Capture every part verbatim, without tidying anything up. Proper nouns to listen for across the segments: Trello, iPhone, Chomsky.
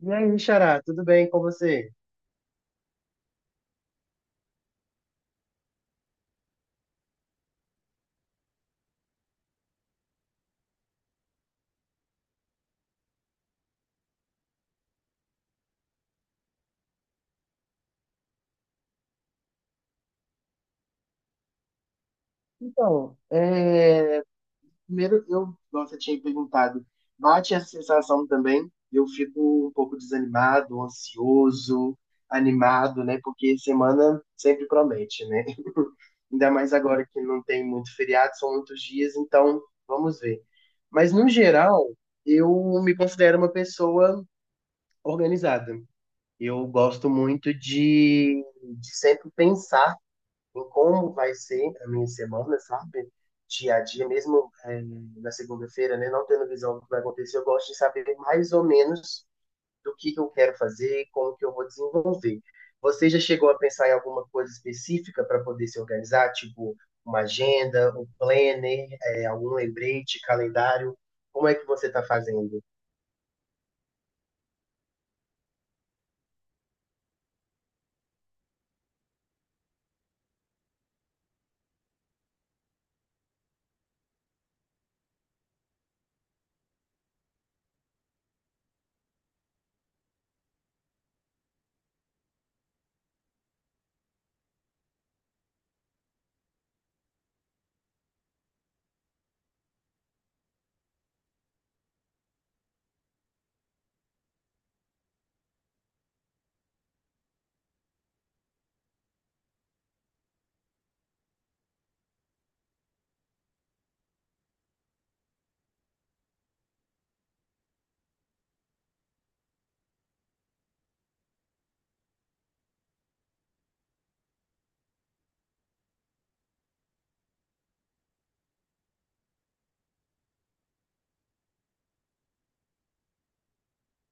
E aí, Xará, tudo bem com você? Então, é, primeiro eu, como você tinha perguntado, bate essa sensação também. Eu fico um pouco desanimado, ansioso, animado, né? Porque semana sempre promete, né? Ainda mais agora que não tem muito feriado, são muitos dias, então vamos ver. Mas no geral, eu me considero uma pessoa organizada. Eu gosto muito de, de sempre pensar em como vai ser a minha semana, sabe? Dia a dia, mesmo é, na segunda-feira, né? Não tendo visão do que vai acontecer, eu gosto de saber mais ou menos do que que eu quero fazer, como que eu vou desenvolver. Você já chegou a pensar em alguma coisa específica para poder se organizar, tipo uma agenda, um planner, é, algum lembrete, calendário? Como é que você está fazendo?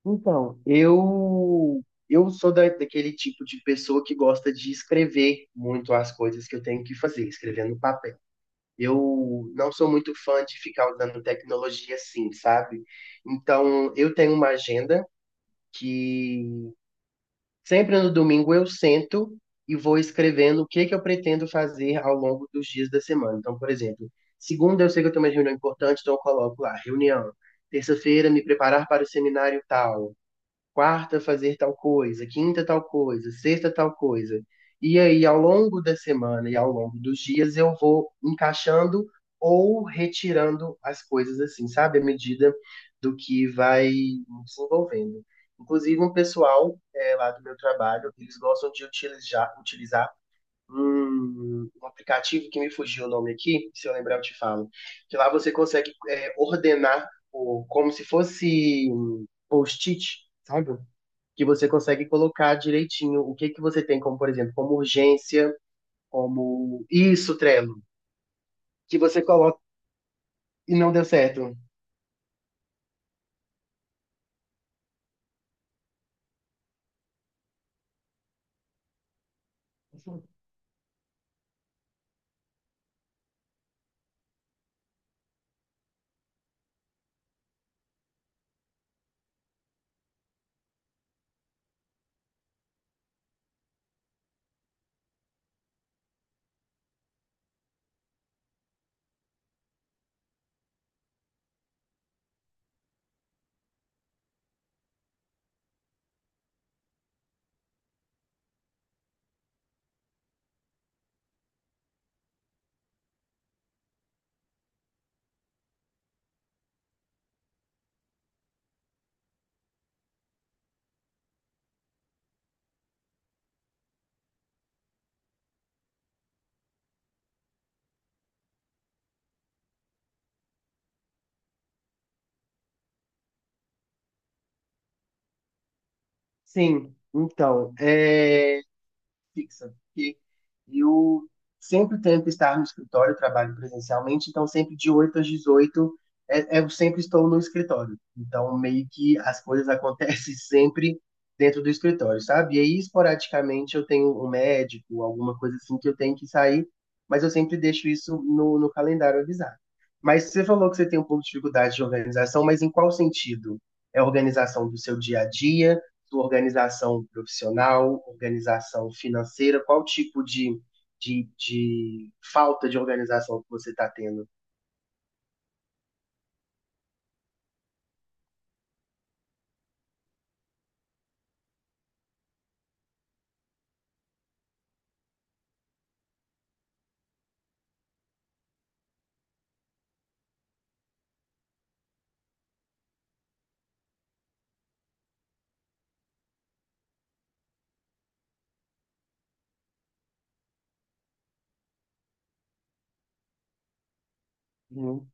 Então, eu eu sou da, daquele tipo de pessoa que gosta de escrever muito as coisas que eu tenho que fazer, escrever no papel. Eu não sou muito fã de ficar usando tecnologia assim, sabe? Então, eu tenho uma agenda que sempre no domingo eu sento e vou escrevendo o que que eu pretendo fazer ao longo dos dias da semana. Então, por exemplo, segunda eu sei que eu tenho uma reunião importante, então eu coloco lá, reunião. Terça-feira, me preparar para o seminário tal, quarta fazer tal coisa, quinta tal coisa, sexta tal coisa. E aí, ao longo da semana e ao longo dos dias, eu vou encaixando ou retirando as coisas assim, sabe? À medida do que vai me desenvolvendo. Inclusive, um pessoal é, lá do meu trabalho, eles gostam de utilizar, utilizar um, um aplicativo que me fugiu o nome aqui, se eu lembrar eu te falo, que lá você consegue é, ordenar o, como se fosse um post-it, sabe? Que você consegue colocar direitinho o que que você tem como, por exemplo, como urgência, como isso, Trello, que você coloca e não deu certo. Sim, então, é... fixa, porque eu sempre tento estar no escritório, trabalho presencialmente, então sempre de oito às dezoito, é- é, eu sempre estou no escritório. Então meio que as coisas acontecem sempre dentro do escritório, sabe? E aí esporadicamente eu tenho um médico, alguma coisa assim que eu tenho que sair, mas eu sempre deixo isso no, no calendário avisado. Mas você falou que você tem um pouco de dificuldade de organização, mas em qual sentido? É a organização do seu dia a dia? Sua organização profissional, organização financeira, qual tipo de, de, de falta de organização que você está tendo? Uhum.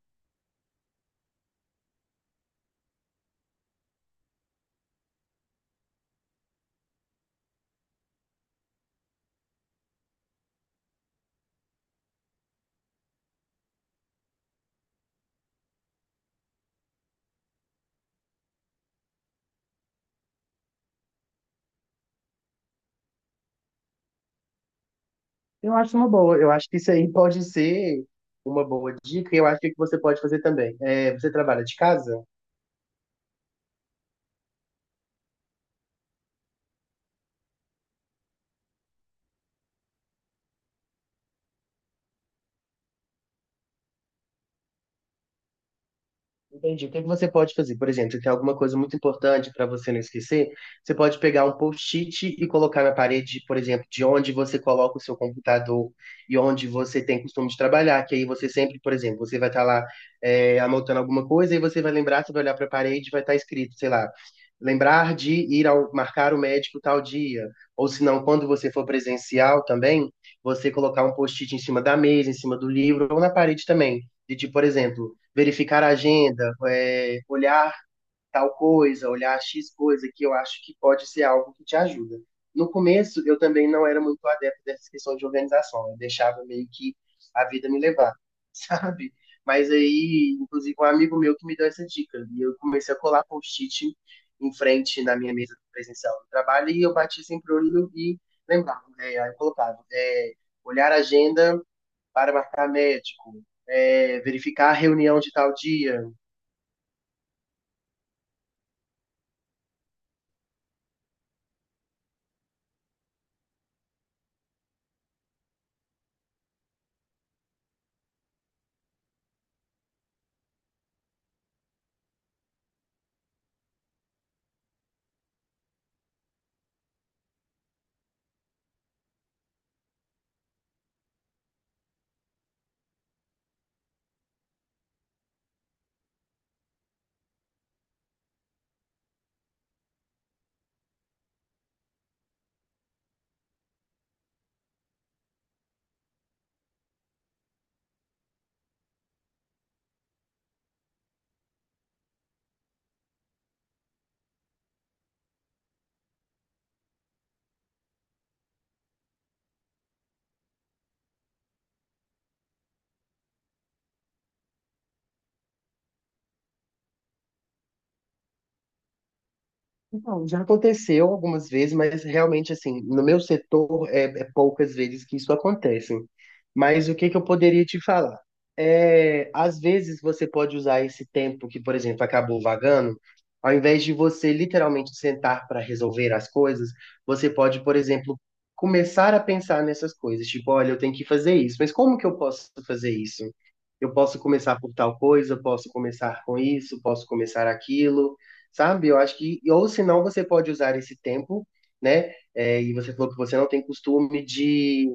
Eu acho uma boa, eu acho que isso aí pode ser uma boa dica, e eu acho que o que você pode fazer também. É, você trabalha de casa? Entendi. O que é que você pode fazer? Por exemplo, se tem alguma coisa muito importante para você não esquecer, você pode pegar um post-it e colocar na parede, por exemplo, de onde você coloca o seu computador e onde você tem costume de trabalhar, que aí você sempre, por exemplo, você vai estar lá é, anotando alguma coisa e você vai lembrar, você vai olhar para a parede e vai estar escrito, sei lá, lembrar de ir ao marcar o médico tal dia. Ou se não, quando você for presencial também, você colocar um post-it em cima da mesa, em cima do livro ou na parede também. De tipo, por exemplo, verificar a agenda, é, olhar tal coisa, olhar X coisa, que eu acho que pode ser algo que te ajuda. No começo, eu também não era muito adepto dessa questão de organização, eu deixava meio que a vida me levar, sabe? Mas aí, inclusive, um amigo meu que me deu essa dica, e eu comecei a colar post-it em frente na minha mesa presencial do trabalho, e eu bati sempre o olho e lembrava, né? Aí eu colocava, é, olhar a agenda para marcar médico, é, verificar a reunião de tal dia. Então, já aconteceu algumas vezes, mas realmente, assim, no meu setor é, é poucas vezes que isso acontece. Mas o que que eu poderia te falar? É, às vezes você pode usar esse tempo que, por exemplo, acabou vagando, ao invés de você literalmente sentar para resolver as coisas, você pode, por exemplo, começar a pensar nessas coisas. Tipo, olha, eu tenho que fazer isso, mas como que eu posso fazer isso? Eu posso começar por tal coisa, posso começar com isso, posso começar aquilo, sabe? Eu acho que, ou se não, você pode usar esse tempo, né? É, e você falou que você não tem costume de,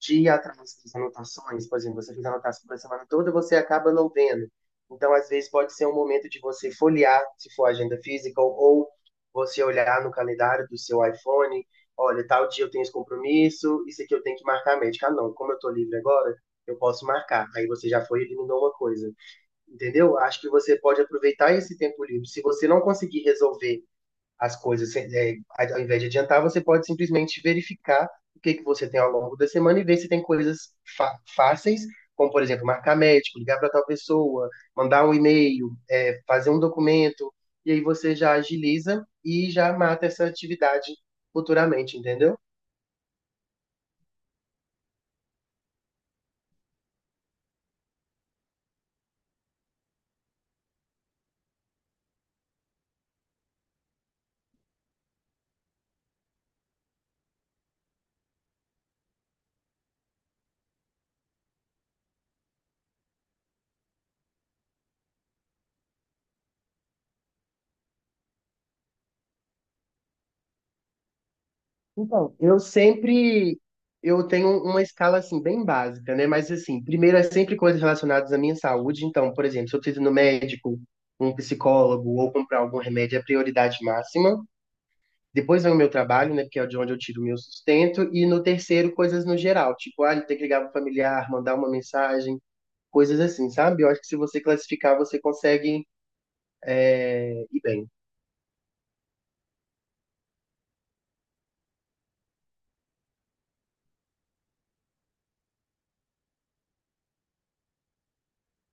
de ir atrás das anotações, por exemplo, você fez anotação para a semana toda, você acaba não vendo. Então, às vezes, pode ser um momento de você folhear, se for agenda física, ou, ou você olhar no calendário do seu iPhone, olha, tal dia eu tenho esse compromisso, isso aqui eu tenho que marcar médica. Ah, não, como eu tô livre agora, eu posso marcar. Aí você já foi e eliminou uma coisa, entendeu? Acho que você pode aproveitar esse tempo livre. Se você não conseguir resolver as coisas, é, ao invés de adiantar, você pode simplesmente verificar o que que você tem ao longo da semana e ver se tem coisas fa- fáceis, como, por exemplo, marcar médico, ligar para tal pessoa, mandar um e-mail, é, fazer um documento, e aí você já agiliza e já mata essa atividade futuramente, entendeu? Então, eu sempre eu tenho uma escala assim bem básica, né? Mas assim, primeiro é sempre coisas relacionadas à minha saúde. Então, por exemplo, se eu preciso ir no médico, um psicólogo ou comprar algum remédio, é prioridade máxima. Depois vem o meu trabalho, né? Porque é de onde eu tiro o meu sustento. E no terceiro, coisas no geral, tipo, ah, tem que ligar para o familiar, mandar uma mensagem, coisas assim, sabe? Eu acho que se você classificar, você consegue é, ir bem.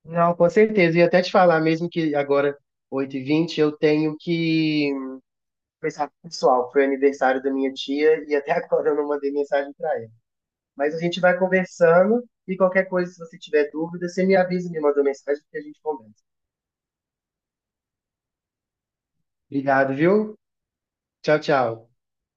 Não, com certeza. E até te falar mesmo que agora, oito e vinte eu tenho que pensar, pessoal, foi aniversário da minha tia e até agora eu não mandei mensagem para ela. Mas a gente vai conversando e qualquer coisa, se você tiver dúvida, você me avisa, me manda uma mensagem que a gente conversa. Obrigado, viu? Tchau, tchau.